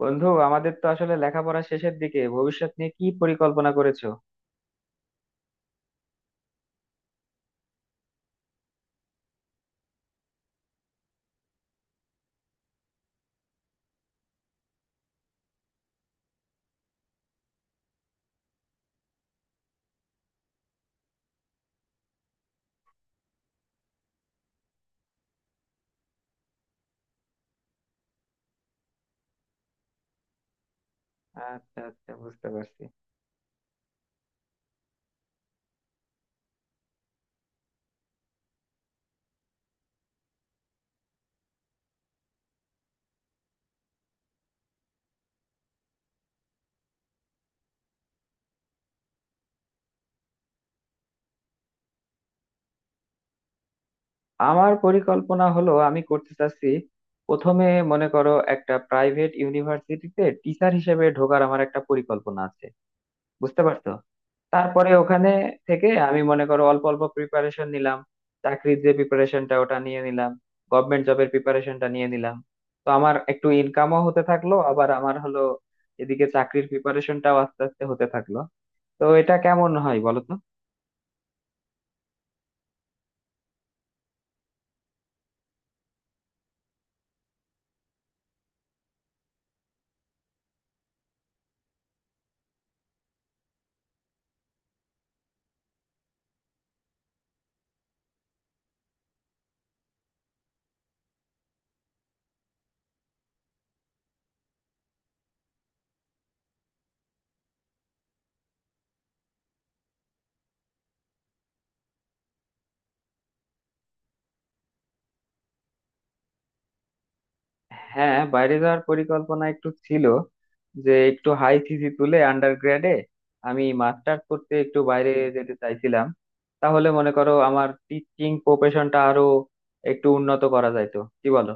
বন্ধু, আমাদের তো আসলে লেখাপড়া শেষের দিকে, ভবিষ্যৎ নিয়ে কি পরিকল্পনা করেছো? আচ্ছা, আচ্ছা, বুঝতে পারছি। আমার পরিকল্পনা হলো, আমি করতে চাচ্ছি প্রথমে, মনে করো একটা প্রাইভেট ইউনিভার্সিটিতে টিচার হিসেবে ঢোকার আমার একটা পরিকল্পনা আছে। বুঝতে পারছো? তারপরে ওখানে থেকে আমি মনে করো অল্প অল্প প্রিপারেশন নিলাম, চাকরির যে প্রিপারেশনটা ওটা নিয়ে নিলাম, গভর্নমেন্ট জবের প্রিপারেশনটা নিয়ে নিলাম। তো আমার একটু ইনকামও হতে থাকলো, আবার আমার হলো এদিকে চাকরির প্রিপারেশনটাও আস্তে আস্তে হতে থাকলো। তো এটা কেমন হয় বলো তো? হ্যাঁ, বাইরে যাওয়ার পরিকল্পনা একটু ছিল, যে একটু হাই সিসি তুলে আন্ডারগ্রেডে আমি মাস্টার্স করতে একটু বাইরে যেতে চাইছিলাম। তাহলে মনে করো আমার টিচিং প্রফেশনটা আরো একটু উন্নত করা যাইতো, কি বলো?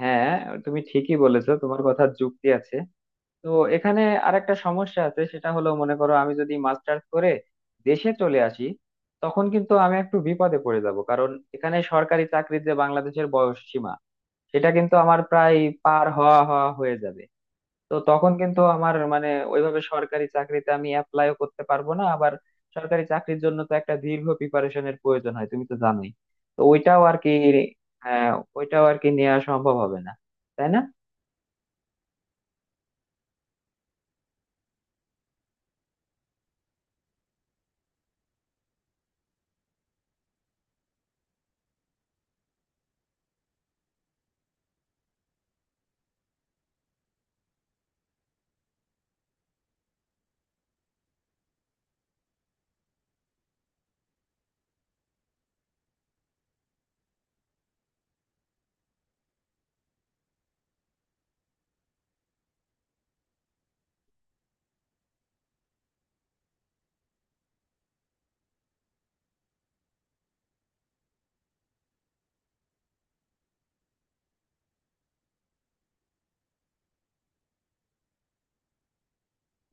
হ্যাঁ, তুমি ঠিকই বলেছো, তোমার কথা যুক্তি আছে। তো এখানে আরেকটা সমস্যা আছে, সেটা হলো মনে করো আমি যদি মাস্টার্স করে দেশে চলে আসি, তখন কিন্তু আমি একটু বিপদে পড়ে যাব, কারণ এখানে সরকারি চাকরির যে বাংলাদেশের বয়স সীমা, সেটা কিন্তু আমার প্রায় পার হওয়া হওয়া হয়ে যাবে। তো তখন কিন্তু আমার মানে, ওইভাবে সরকারি চাকরিতে আমি অ্যাপ্লাইও করতে পারবো না। আবার সরকারি চাকরির জন্য তো একটা দীর্ঘ প্রিপারেশনের প্রয়োজন হয়, তুমি তো জানোই। তো ওইটাও আর কি, হ্যাঁ, ওইটাও আর কি নেওয়া সম্ভব হবে না, তাই না?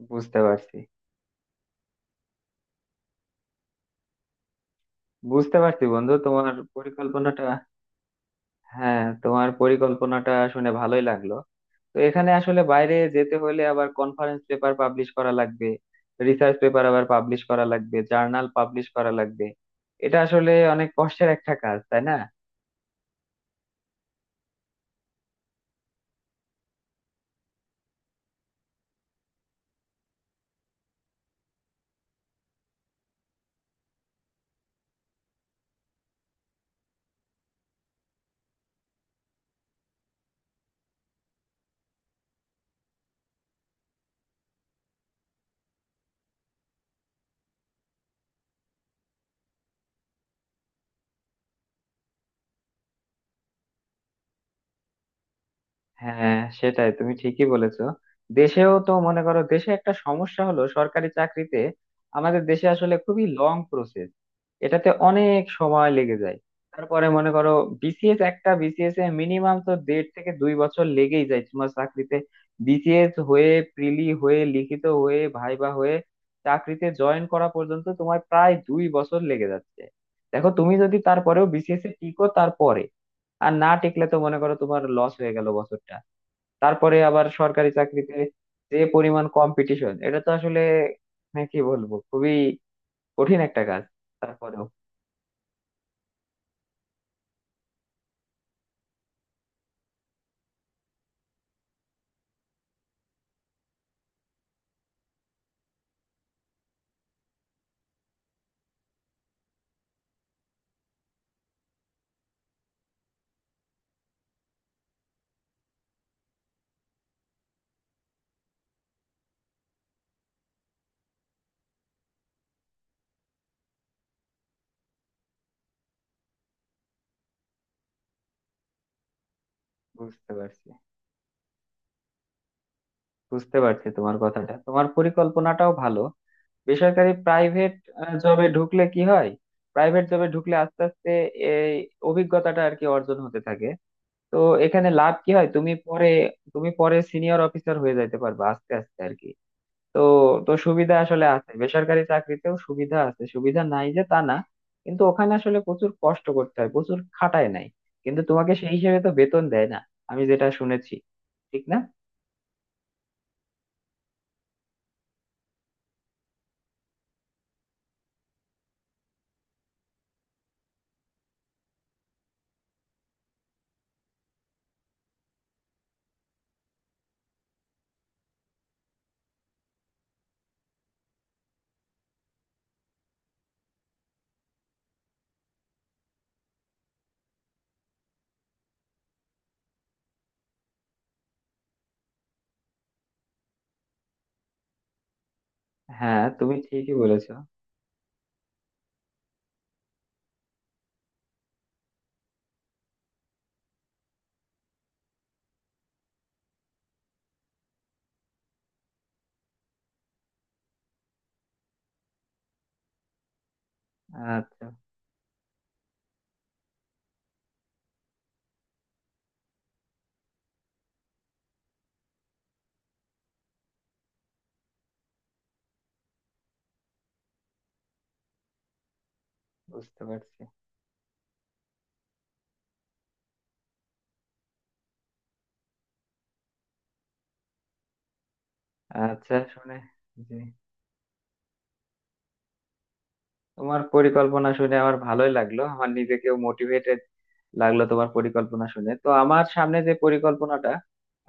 বুঝতে পারছি। বুঝতে পারছি বন্ধু তোমার পরিকল্পনাটা। হ্যাঁ, তোমার পরিকল্পনাটা শুনে ভালোই লাগলো। তো এখানে আসলে বাইরে যেতে হলে আবার কনফারেন্স পেপার পাবলিশ করা লাগবে, রিসার্চ পেপার আবার পাবলিশ করা লাগবে, জার্নাল পাবলিশ করা লাগবে। এটা আসলে অনেক কষ্টের একটা কাজ, তাই না? হ্যাঁ, সেটাই, তুমি ঠিকই বলেছো। দেশেও তো মনে করো দেশে একটা সমস্যা হলো, সরকারি চাকরিতে আমাদের দেশে আসলে খুবই লং প্রসেস, এটাতে অনেক সময় লেগে যায়। তারপরে মনে করো বিসিএস এ মিনিমাম তো দেড় থেকে 2 বছর লেগেই যায় তোমার চাকরিতে। বিসিএস হয়ে, প্রিলি হয়ে, লিখিত হয়ে, ভাইবা হয়ে, চাকরিতে জয়েন করা পর্যন্ত তোমার প্রায় 2 বছর লেগে যাচ্ছে। দেখো, তুমি যদি তারপরেও বিসিএস এ টিকো তারপরে, আর না টিকলে তো মনে করো তোমার লস হয়ে গেল বছরটা। তারপরে আবার সরকারি চাকরিতে যে পরিমাণ কম্পিটিশন, এটা তো আসলে, মানে কি বলবো, খুবই কঠিন একটা কাজ। তারপরেও বুঝতে পারছি। বুঝতে পারছি তোমার কথাটা, তোমার পরিকল্পনাটাও ভালো। বেসরকারি প্রাইভেট জবে ঢুকলে কি হয়? প্রাইভেট জবে ঢুকলে আস্তে আস্তে এই অভিজ্ঞতাটা আর কি অর্জন হতে থাকে। তো এখানে লাভ কি হয়, তুমি পরে, তুমি পরে সিনিয়র অফিসার হয়ে যাইতে পারবে আস্তে আস্তে আর কি। তো তো সুবিধা আসলে আছে, বেসরকারি চাকরিতেও সুবিধা আছে, সুবিধা নাই যে তা না। কিন্তু ওখানে আসলে প্রচুর কষ্ট করতে হয়, প্রচুর খাটায় নাই কিন্তু তোমাকে, সেই হিসেবে তো বেতন দেয় না, আমি যেটা শুনেছি, ঠিক না? হ্যাঁ, তুমি ঠিকই বলেছো। আচ্ছা, বুঝতে পারছি। আচ্ছা, শুনে, জি, তোমার পরিকল্পনা শুনে আমার ভালোই লাগলো, আমার নিজেকেও মোটিভেটেড লাগলো তোমার পরিকল্পনা শুনে। তো আমার সামনে যে পরিকল্পনাটা,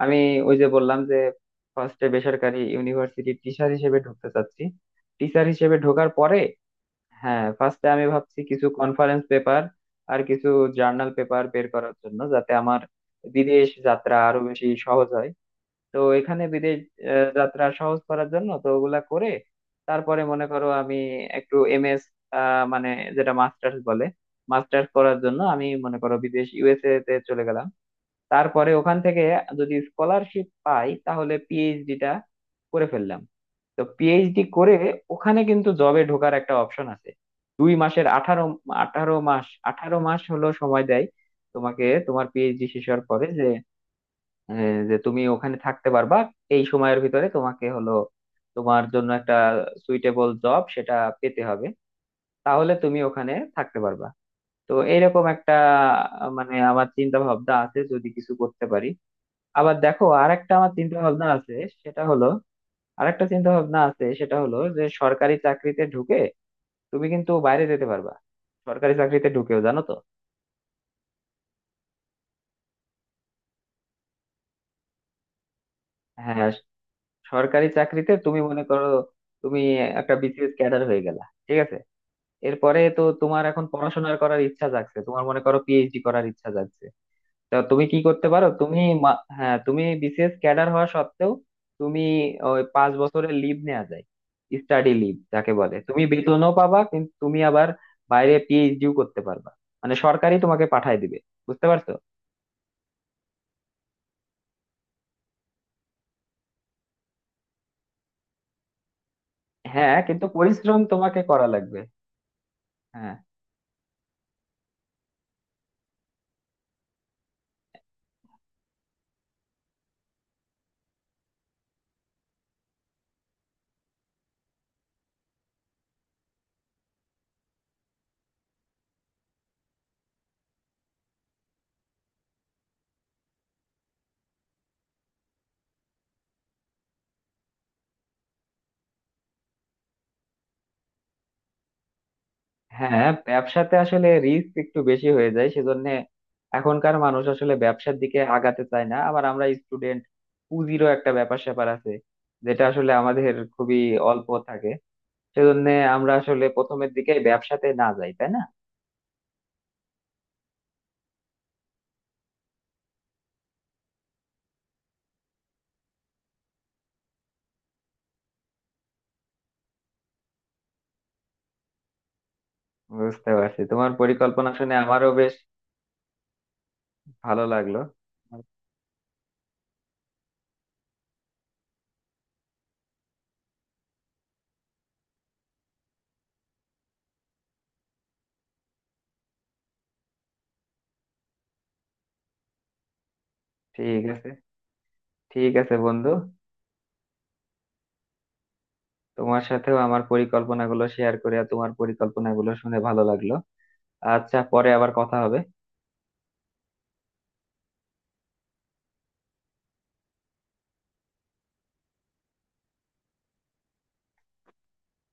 আমি ওই যে বললাম যে, ফার্স্টে বেসরকারি ইউনিভার্সিটির টিচার হিসেবে ঢুকতে চাচ্ছি। টিচার হিসেবে ঢোকার পরে হ্যাঁ, ফার্স্টে আমি ভাবছি কিছু কনফারেন্স পেপার আর কিছু জার্নাল পেপার বের করার জন্য, যাতে আমার বিদেশ যাত্রা আরো বেশি সহজ হয়। তো এখানে বিদেশ যাত্রা সহজ করার জন্য তো ওগুলা করে। তারপরে মনে করো আমি একটু এমএস, মানে যেটা মাস্টার্স বলে, মাস্টার্স করার জন্য আমি মনে করো বিদেশ ইউএসএ তে চলে গেলাম। তারপরে ওখান থেকে যদি স্কলারশিপ পাই তাহলে পিএইচডিটা করে ফেললাম। তো পিএইচডি করে ওখানে কিন্তু জবে ঢোকার একটা অপশন আছে। দুই মাসের আঠারো আঠারো মাস 18 মাস হলো সময় দেয় তোমাকে তোমার পিএইচডি শেষ হওয়ার পরে, যে, হ্যাঁ, যে তুমি ওখানে থাকতে পারবা। এই সময়ের ভিতরে তোমাকে হলো তোমার জন্য একটা সুইটেবল জব সেটা পেতে হবে, তাহলে তুমি ওখানে থাকতে পারবা। তো এরকম একটা মানে আমার চিন্তা ভাবনা আছে যদি কিছু করতে পারি। আবার দেখো, আর একটা আমার চিন্তা ভাবনা আছে, সেটা হলো আর একটা চিন্তা ভাবনা আছে সেটা হলো যে, সরকারি চাকরিতে ঢুকে তুমি কিন্তু বাইরে যেতে পারবা, সরকারি চাকরিতে ঢুকেও, জানো তো? হ্যাঁ, সরকারি চাকরিতে তুমি মনে করো তুমি একটা বিসিএস ক্যাডার হয়ে গেলা, ঠিক আছে। এরপরে তো তোমার এখন পড়াশোনার করার ইচ্ছা জাগছে, তোমার মনে করো পিএইচডি করার ইচ্ছা জাগছে। তা তুমি কি করতে পারো, তুমি হ্যাঁ, তুমি বিসিএস ক্যাডার হওয়া সত্ত্বেও তুমি ওই 5 বছরের লিভ নেওয়া যায়, স্টাডি লিভ যাকে বলে, তুমি বেতনও পাবা কিন্তু তুমি আবার বাইরে পিএইচডিও করতে পারবা। মানে সরকারি তোমাকে পাঠায় দিবে। বুঝতে পারছো? হ্যাঁ, কিন্তু পরিশ্রম তোমাকে করা লাগবে। হ্যাঁ। হ্যাঁ, ব্যবসাতে আসলে রিস্ক একটু বেশি হয়ে যায়, সেজন্য এখনকার মানুষ আসলে ব্যবসার দিকে আগাতে চায় না, আবার আমরা স্টুডেন্ট, পুঁজিরও একটা ব্যাপার স্যাপার আছে, যেটা আসলে আমাদের খুবই অল্প থাকে। সেজন্য আমরা আসলে প্রথমের দিকে ব্যবসাতে না যাই, তাই না? বুঝতে পারছি, তোমার পরিকল্পনা শুনে আমারও বেশ ভালো লাগলো। ঠিক আছে। ঠিক আছে বন্ধু। তোমার সাথেও আমার পরিকল্পনাগুলো শেয়ার করে আর তোমার পরিকল্পনাগুলো শুনে ভালো লাগলো। আচ্ছা, পরে আবার কথা হবে।